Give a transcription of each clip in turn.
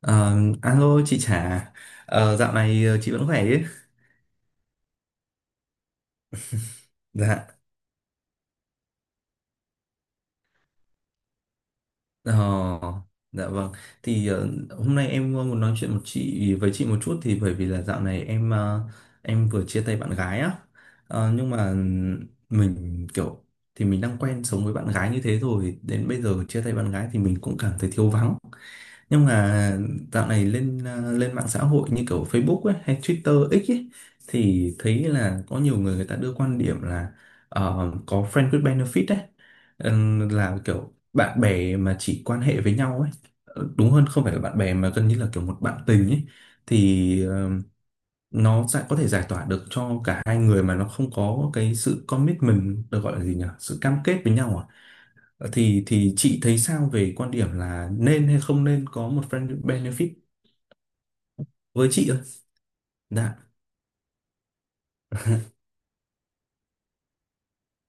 Ờ, Alo chị Trà. Dạo này chị vẫn khỏe chứ? Dạ. ờ, dạ vâng, thì hôm nay em muốn nói chuyện một chị với chị một chút, thì bởi vì là dạo này em vừa chia tay bạn gái á. Nhưng mà mình kiểu, thì mình đang quen sống với bạn gái như thế, rồi đến bây giờ chia tay bạn gái thì mình cũng cảm thấy thiếu vắng. Nhưng mà dạo này lên mạng xã hội như kiểu Facebook ấy, hay Twitter X ấy, thì thấy là có nhiều người người ta đưa quan điểm là có friend with benefit ấy. Là kiểu bạn bè mà chỉ quan hệ với nhau ấy. Đúng hơn không phải là bạn bè mà gần như là kiểu một bạn tình ấy. Thì nó sẽ có thể giải tỏa được cho cả hai người mà nó không có cái sự commitment, được gọi là gì nhỉ, sự cam kết với nhau à. Thì chị thấy sao về quan điểm là nên hay không nên có một friend benefit, với chị ơi? Dạ.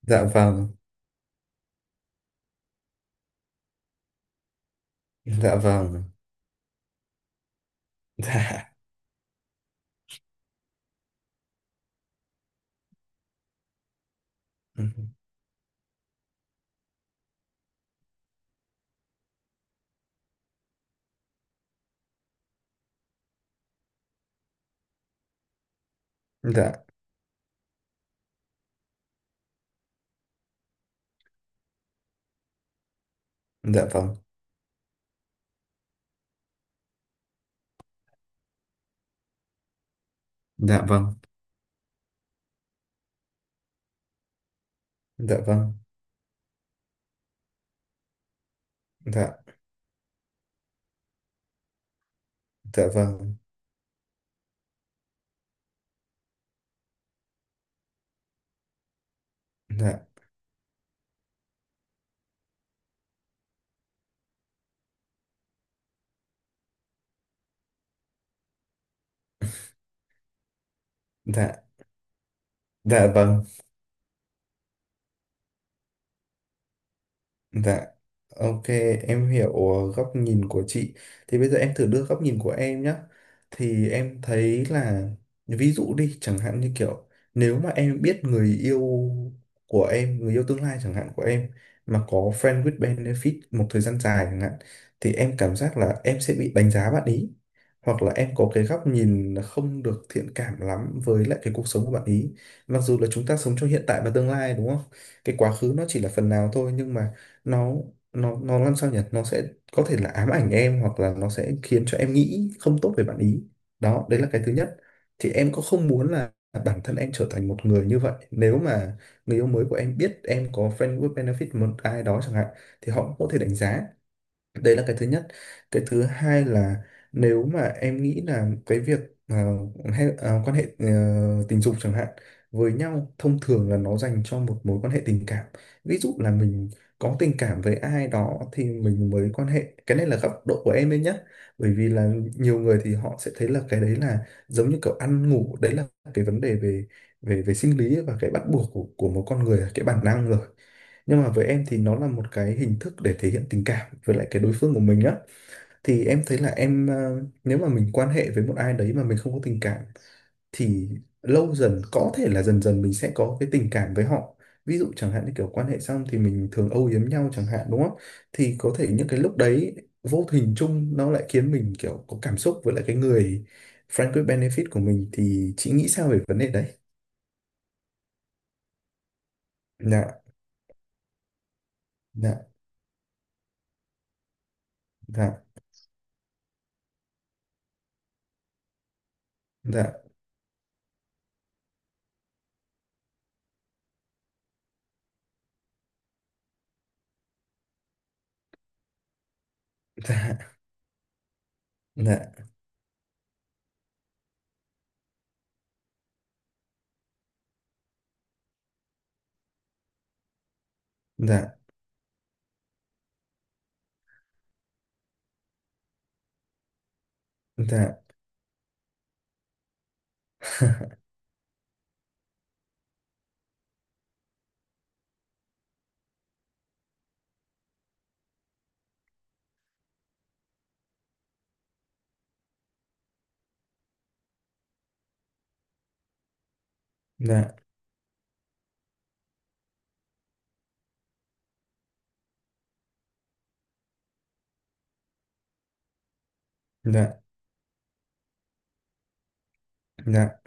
Dạ vâng. Dạ vâng. Dạ. Ừ. Dạ. Dạ vâng. Dạ vâng. Dạ vâng. Dạ. Dạ vâng. Dạ. Dạ. Dạ vâng. Dạ, ok, em hiểu góc nhìn của chị. Thì bây giờ em thử đưa góc nhìn của em nhé. Thì em thấy là, ví dụ đi, chẳng hạn như kiểu, nếu mà em biết người yêu của em, người yêu tương lai chẳng hạn của em, mà có friend with benefit một thời gian dài chẳng hạn, thì em cảm giác là em sẽ bị đánh giá bạn ý. Hoặc là em có cái góc nhìn không được thiện cảm lắm với lại cái cuộc sống của bạn ý. Mặc dù là chúng ta sống cho hiện tại và tương lai, đúng không? Cái quá khứ nó chỉ là phần nào thôi, nhưng mà nó nó làm sao nhỉ, nó sẽ có thể là ám ảnh em hoặc là nó sẽ khiến cho em nghĩ không tốt về bạn ý. Đó, đấy là cái thứ nhất. Thì em có không muốn là bản thân em trở thành một người như vậy, nếu mà người yêu mới của em biết em có friend with benefit một ai đó chẳng hạn thì họ cũng có thể đánh giá. Đấy là cái thứ nhất. Cái thứ hai là, nếu mà em nghĩ là cái việc ờ, hay, quan hệ tình dục chẳng hạn với nhau, thông thường là nó dành cho một mối quan hệ tình cảm. Ví dụ là mình có tình cảm với ai đó thì mình mới quan hệ, cái này là góc độ của em đấy nhé. Bởi vì là nhiều người thì họ sẽ thấy là cái đấy là giống như kiểu ăn ngủ đấy, là cái vấn đề về về về sinh lý và cái bắt buộc của một con người, cái bản năng rồi. Nhưng mà với em thì nó là một cái hình thức để thể hiện tình cảm với lại cái đối phương của mình á. Thì em thấy là em, nếu mà mình quan hệ với một ai đấy mà mình không có tình cảm, thì lâu dần có thể là dần dần mình sẽ có cái tình cảm với họ. Ví dụ chẳng hạn như kiểu quan hệ xong thì mình thường âu yếm nhau chẳng hạn, đúng không? Thì có thể những cái lúc đấy vô hình chung nó lại khiến mình kiểu có cảm xúc với lại cái người friend with benefit của mình, thì chị nghĩ sao về vấn đề đấy? Dạ. Dạ. Dạ. Dạ. Dạ. Dạ. Dạ. Dạ. Dạ. Dạ. Dạ. Dạ.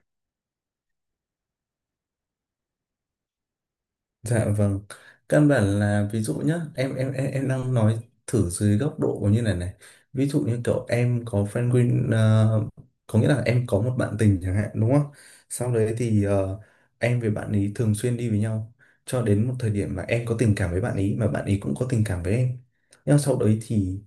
Dạ vâng. Căn bản là ví dụ nhá, em đang nói thử dưới góc độ như này này. Ví dụ như kiểu em có friend win ờ, có nghĩa là em có một bạn tình chẳng hạn, đúng không? Sau đấy thì em với bạn ấy thường xuyên đi với nhau, cho đến một thời điểm mà em có tình cảm với bạn ấy mà bạn ấy cũng có tình cảm với em. Nhưng mà sau đấy thì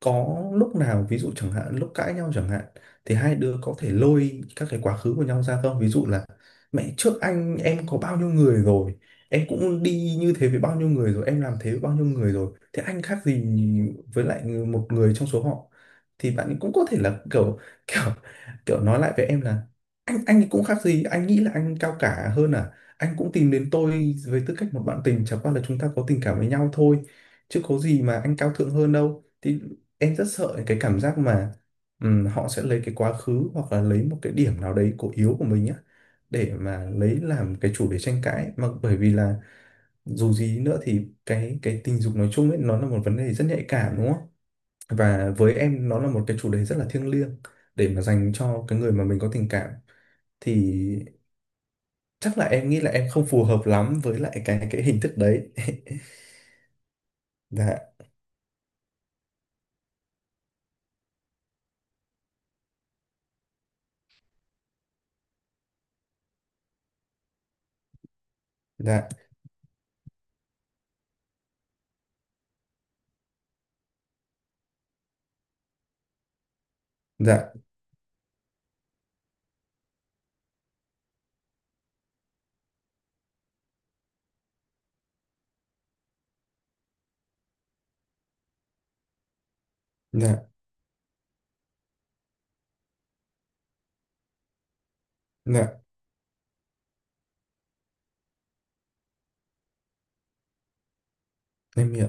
có lúc nào ví dụ chẳng hạn lúc cãi nhau chẳng hạn, thì hai đứa có thể lôi các cái quá khứ của nhau ra không, ví dụ là mẹ trước anh em có bao nhiêu người rồi, em cũng đi như thế với bao nhiêu người rồi, em làm thế với bao nhiêu người rồi, thế anh khác gì với lại một người trong số họ? Thì bạn ấy cũng có thể là kiểu kiểu kiểu nói lại với em là, anh ấy cũng khác gì, anh nghĩ là anh cao cả hơn à? Anh cũng tìm đến tôi với tư cách một bạn tình, chẳng qua là chúng ta có tình cảm với nhau thôi, chứ có gì mà anh cao thượng hơn đâu. Thì em rất sợ cái cảm giác mà họ sẽ lấy cái quá khứ hoặc là lấy một cái điểm nào đấy cổ yếu của mình á, để mà lấy làm cái chủ đề tranh cãi. Mà bởi vì là dù gì nữa thì cái tình dục nói chung ấy, nó là một vấn đề rất nhạy cảm, đúng không? Và với em nó là một cái chủ đề rất là thiêng liêng để mà dành cho cái người mà mình có tình cảm. Thì chắc là em nghĩ là em không phù hợp lắm với lại cái hình thức đấy. Dạ. Dạ. Dạ. Dạ. Dạ. Em hiểu.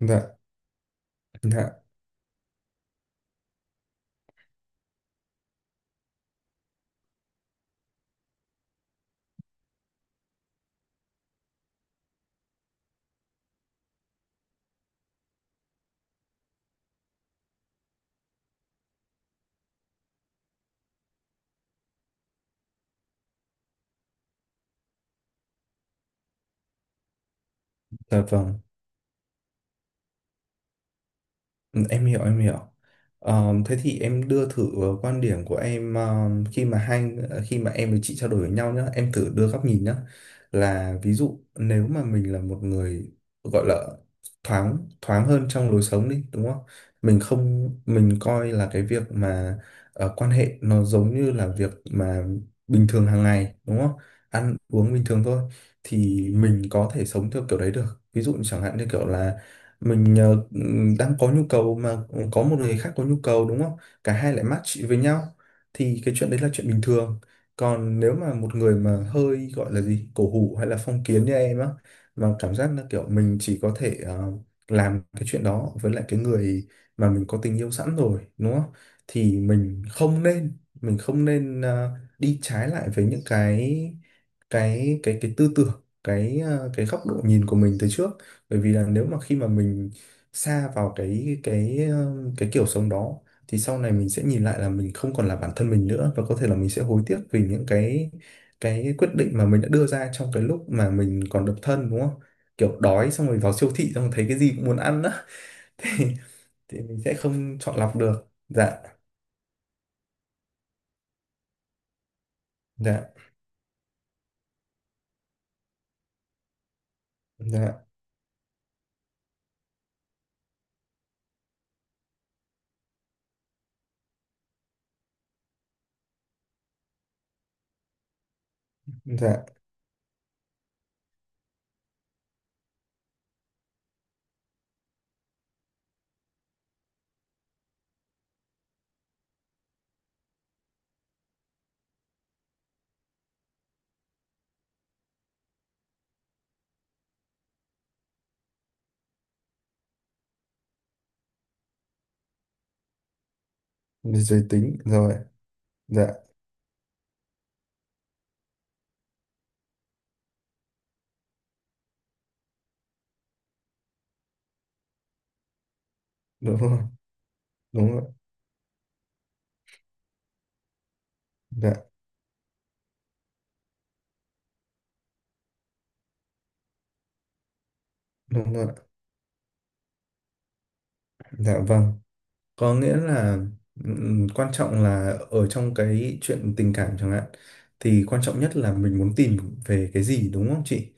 Dạ. Dạ. Dạ vâng. Ừ, em hiểu, em hiểu. Thế thì em đưa thử quan điểm của em, khi mà em với chị trao đổi với nhau nhá, em thử đưa góc nhìn nhá. Là ví dụ nếu mà mình là một người gọi là thoáng, thoáng hơn trong lối sống đi, đúng không? Mình không, mình coi là cái việc mà quan hệ nó giống như là việc mà bình thường hàng ngày, đúng không? Ăn uống bình thường thôi, thì mình có thể sống theo kiểu đấy được. Ví dụ chẳng hạn như kiểu là mình đang có nhu cầu, mà có một người khác có nhu cầu, đúng không, cả hai lại match với nhau, thì cái chuyện đấy là chuyện bình thường. Còn nếu mà một người mà hơi gọi là gì, cổ hủ hay là phong kiến như em á, mà cảm giác là kiểu mình chỉ có thể làm cái chuyện đó với lại cái người mà mình có tình yêu sẵn rồi, đúng không, thì mình không nên đi trái lại với những cái tư tưởng, cái góc độ nhìn của mình từ trước. Bởi vì là nếu mà khi mà mình sa vào cái kiểu sống đó, thì sau này mình sẽ nhìn lại là mình không còn là bản thân mình nữa, và có thể là mình sẽ hối tiếc vì những cái quyết định mà mình đã đưa ra trong cái lúc mà mình còn độc thân, đúng không? Kiểu đói xong rồi vào siêu thị xong rồi thấy cái gì cũng muốn ăn á. thì thì mình sẽ không chọn lọc được. Dạ. Dạ. Dạ. Dạ. Về giới tính rồi. Dạ. Đúng rồi, đúng rồi. Dạ, đúng rồi. Dạ vâng. Có nghĩa là, quan trọng là ở trong cái chuyện tình cảm chẳng hạn, thì quan trọng nhất là mình muốn tìm về cái gì, đúng không chị?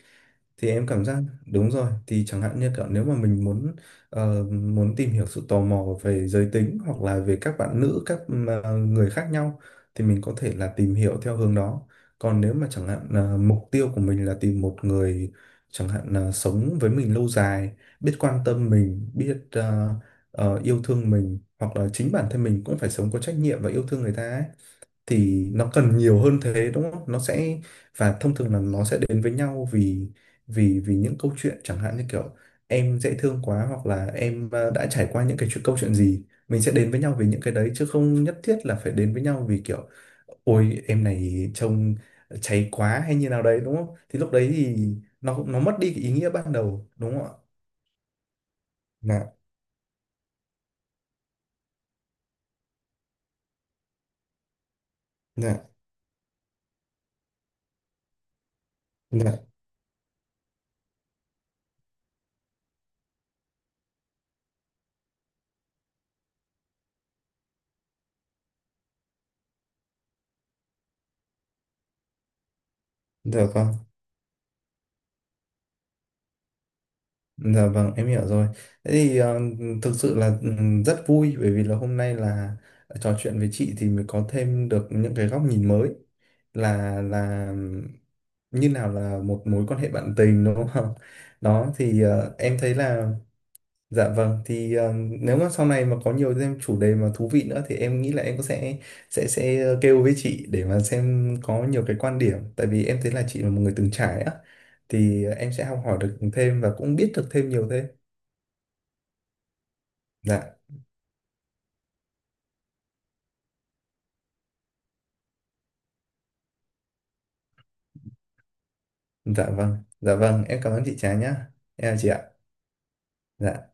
Thì em cảm giác, đúng rồi, thì chẳng hạn như kiểu nếu mà mình muốn tìm hiểu sự tò mò về giới tính hoặc là về các bạn nữ, người khác nhau, thì mình có thể là tìm hiểu theo hướng đó. Còn nếu mà chẳng hạn là mục tiêu của mình là tìm một người chẳng hạn là sống với mình lâu dài, biết quan tâm mình, biết yêu thương mình, hoặc là chính bản thân mình cũng phải sống có trách nhiệm và yêu thương người ta ấy, thì nó cần nhiều hơn thế, đúng không? Nó sẽ Và thông thường là nó sẽ đến với nhau vì, vì những câu chuyện chẳng hạn như kiểu em dễ thương quá, hoặc là em đã trải qua những cái chuyện câu chuyện gì, mình sẽ đến với nhau vì những cái đấy chứ không nhất thiết là phải đến với nhau vì kiểu, ôi em này trông cháy quá hay như nào đấy, đúng không? Thì lúc đấy thì nó mất đi cái ý nghĩa ban đầu, đúng không ạ? Dạ. Dạ. Dạ. Được không? Dạ vâng, em hiểu rồi. Thế thì thực sự là rất vui bởi vì là hôm nay là trò chuyện với chị thì mới có thêm được những cái góc nhìn mới, là như nào là một mối quan hệ bạn tình, đúng không? Đó thì em thấy là, dạ vâng, thì nếu mà sau này mà có nhiều thêm chủ đề mà thú vị nữa thì em nghĩ là em cũng sẽ kêu với chị để mà xem có nhiều cái quan điểm, tại vì em thấy là chị là một người từng trải á, thì em sẽ học hỏi được thêm và cũng biết được thêm nhiều thêm. Dạ, dạ vâng, dạ vâng, em cảm ơn chị Trà nhá. Em chào chị ạ. Dạ.